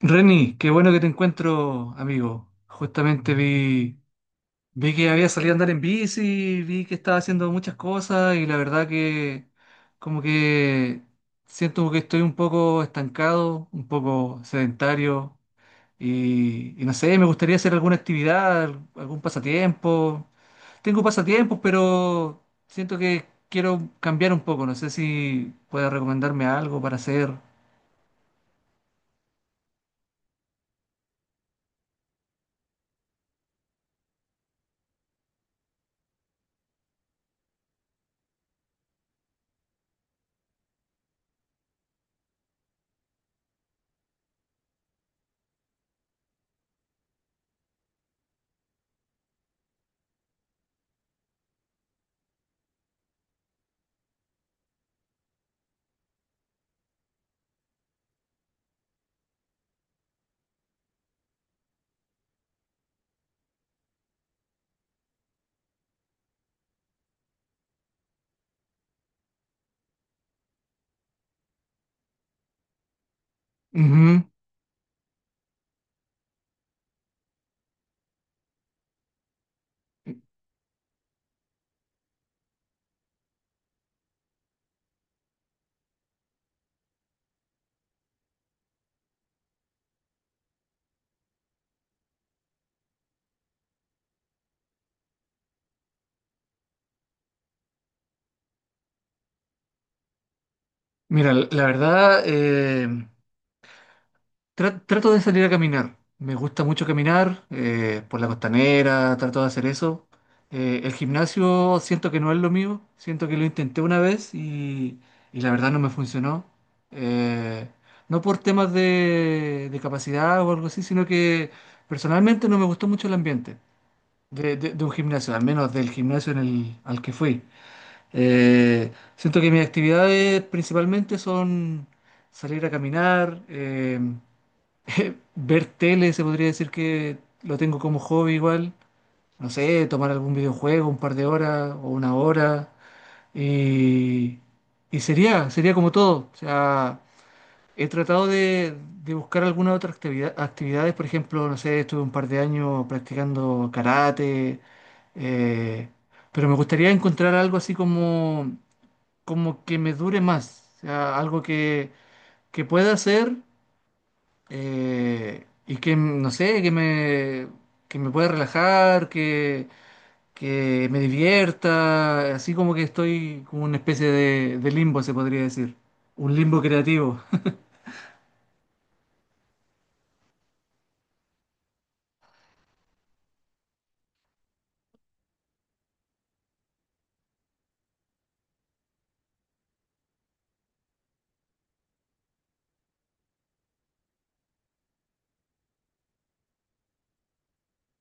Reni, qué bueno que te encuentro, amigo. Justamente vi que había salido a andar en bici, vi que estaba haciendo muchas cosas y la verdad que como que siento que estoy un poco estancado, un poco sedentario y no sé, me gustaría hacer alguna actividad, algún pasatiempo. Tengo pasatiempos, pero siento que quiero cambiar un poco. No sé si puedes recomendarme algo para hacer. Ujú. Mira, la verdad, trato de salir a caminar. Me gusta mucho caminar por la costanera, trato de hacer eso. El gimnasio siento que no es lo mío, siento que lo intenté una vez y la verdad no me funcionó. Eh, no por temas de capacidad o algo así, sino que personalmente no me gustó mucho el ambiente de un gimnasio, al menos del gimnasio al que fui. Eh, Siento que mis actividades principalmente son salir a caminar, ver tele, se podría decir que lo tengo como hobby igual. No sé, tomar algún videojuego un par de horas o una hora. Y, y sería, sería como todo. O sea, he tratado de buscar alguna otra actividad, actividades. Por ejemplo, no sé, estuve un par de años practicando karate. eh, pero me gustaría encontrar algo así como como que me dure más, o sea, algo que pueda hacer y que, no sé, que me pueda relajar, que me divierta, así como que estoy como una especie de limbo, se podría decir, un limbo creativo.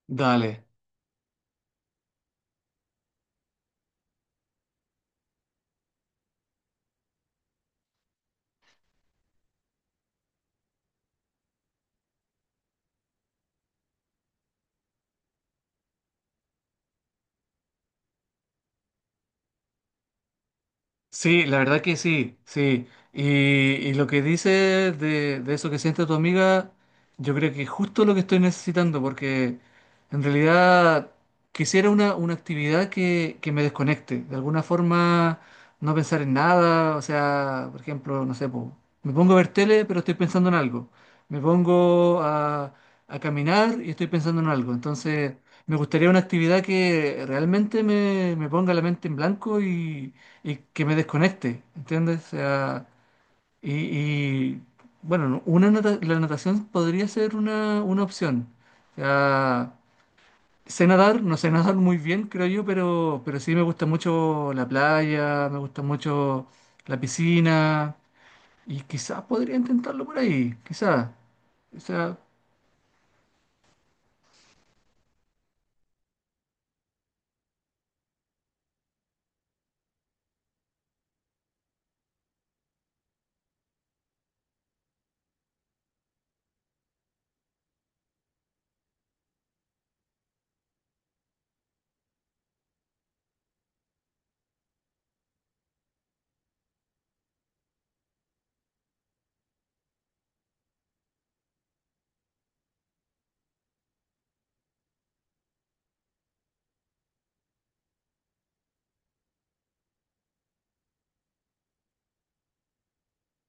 Dale. Sí, la verdad que sí, sí. Y, y lo que dices de eso que siente tu amiga, yo creo que es justo lo que estoy necesitando, porque en realidad quisiera una actividad que me desconecte. De alguna forma, no pensar en nada. O sea, por ejemplo, no sé, po, me pongo a ver tele, pero estoy pensando en algo. Me pongo a caminar y estoy pensando en algo. Entonces, me gustaría una actividad que realmente me ponga la mente en blanco y que me desconecte, ¿entiendes? O sea, y, bueno, no, la natación podría ser una opción. O sea, sé nadar, no sé nadar muy bien, creo yo, pero sí me gusta mucho la playa, me gusta mucho la piscina, y quizás podría intentarlo por ahí, quizás. O sea,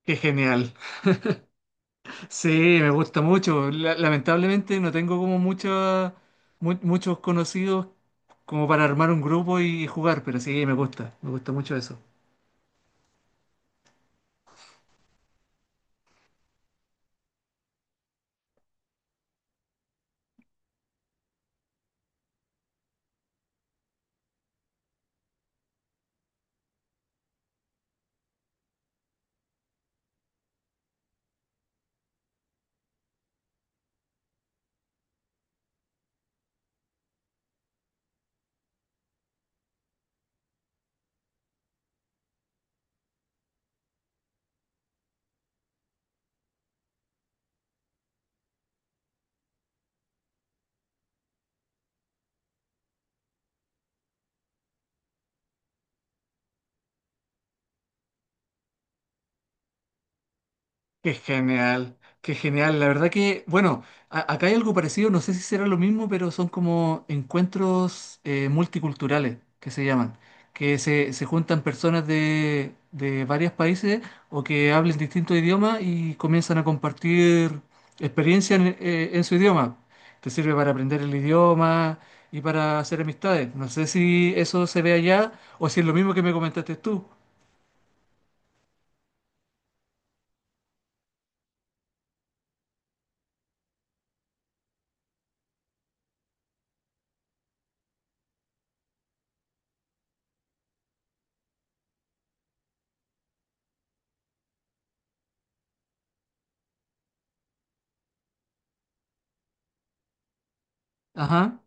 qué genial. Sí, me gusta mucho. Lamentablemente no tengo como mucha, muchos conocidos como para armar un grupo y jugar, pero sí, me gusta mucho eso. Qué genial, qué genial. La verdad que, bueno, acá hay algo parecido, no sé si será lo mismo, pero son como encuentros multiculturales que se llaman, se juntan personas de varios países o que hablen distintos idiomas y comienzan a compartir experiencias en su idioma. Te sirve para aprender el idioma y para hacer amistades. No sé si eso se ve allá o si es lo mismo que me comentaste tú. Ajá.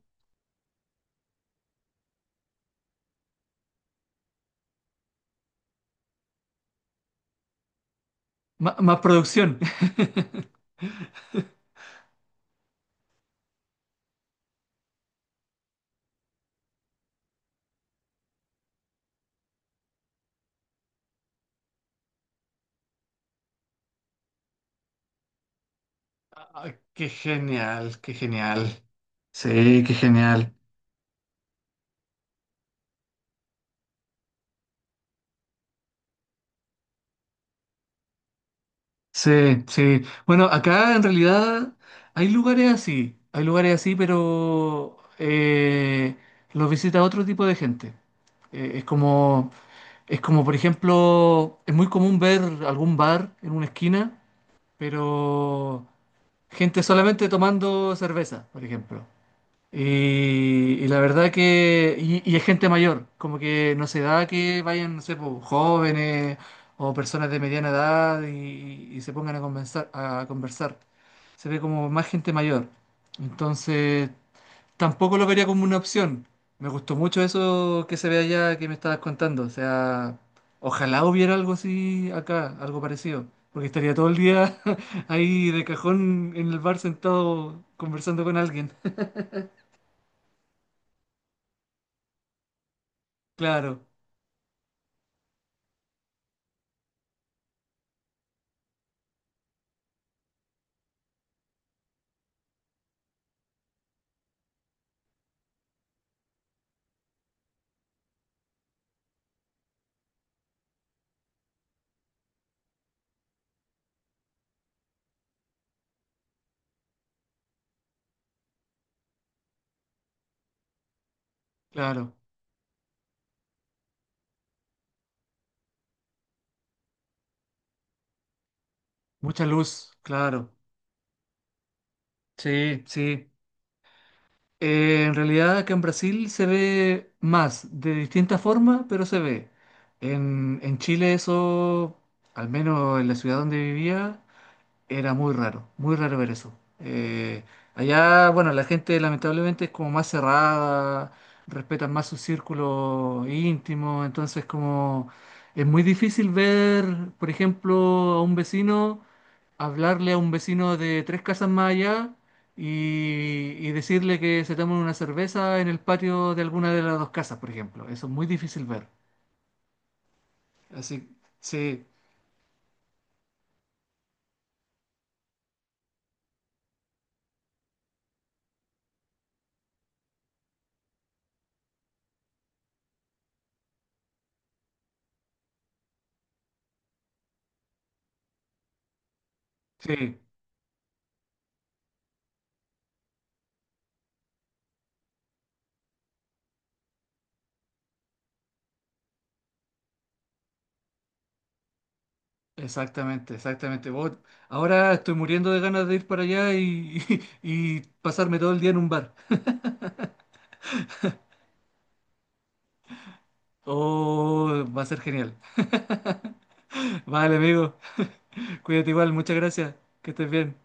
Más producción. Ay, qué genial, qué genial. Sí, qué genial. Sí, sí. Bueno, acá en realidad hay lugares así, pero los visita otro tipo de gente. Es como, es como, por ejemplo, es muy común ver algún bar en una esquina, pero gente solamente tomando cerveza, por ejemplo. Y la verdad que, y es gente mayor, como que no se da que vayan, no sé, po, jóvenes o personas de mediana edad y se pongan a conversar, a conversar. Se ve como más gente mayor. Entonces, tampoco lo vería como una opción. Me gustó mucho eso que se ve allá que me estabas contando. O sea, ojalá hubiera algo así acá, algo parecido. Porque estaría todo el día ahí de cajón en el bar sentado conversando con alguien. Claro. Claro, mucha luz, claro. Sí, sí. En realidad acá en Brasil se ve más, de distinta forma, pero se ve. En Chile eso, al menos en la ciudad donde vivía, era muy raro ver eso. Eh, Allá, bueno, la gente lamentablemente es como más cerrada, respetan más su círculo íntimo, entonces como es muy difícil ver, por ejemplo, a un vecino. Hablarle a un vecino de tres casas más allá y decirle que se tomen una cerveza en el patio de alguna de las dos casas, por ejemplo. Eso es muy difícil ver. Así, sí, sí, exactamente, exactamente. Vos- ahora estoy muriendo de ganas de ir para allá y, y pasarme todo el día en un bar. Oh, va a ser genial. Vale, amigo, cuídate igual, muchas gracias. Que estés bien.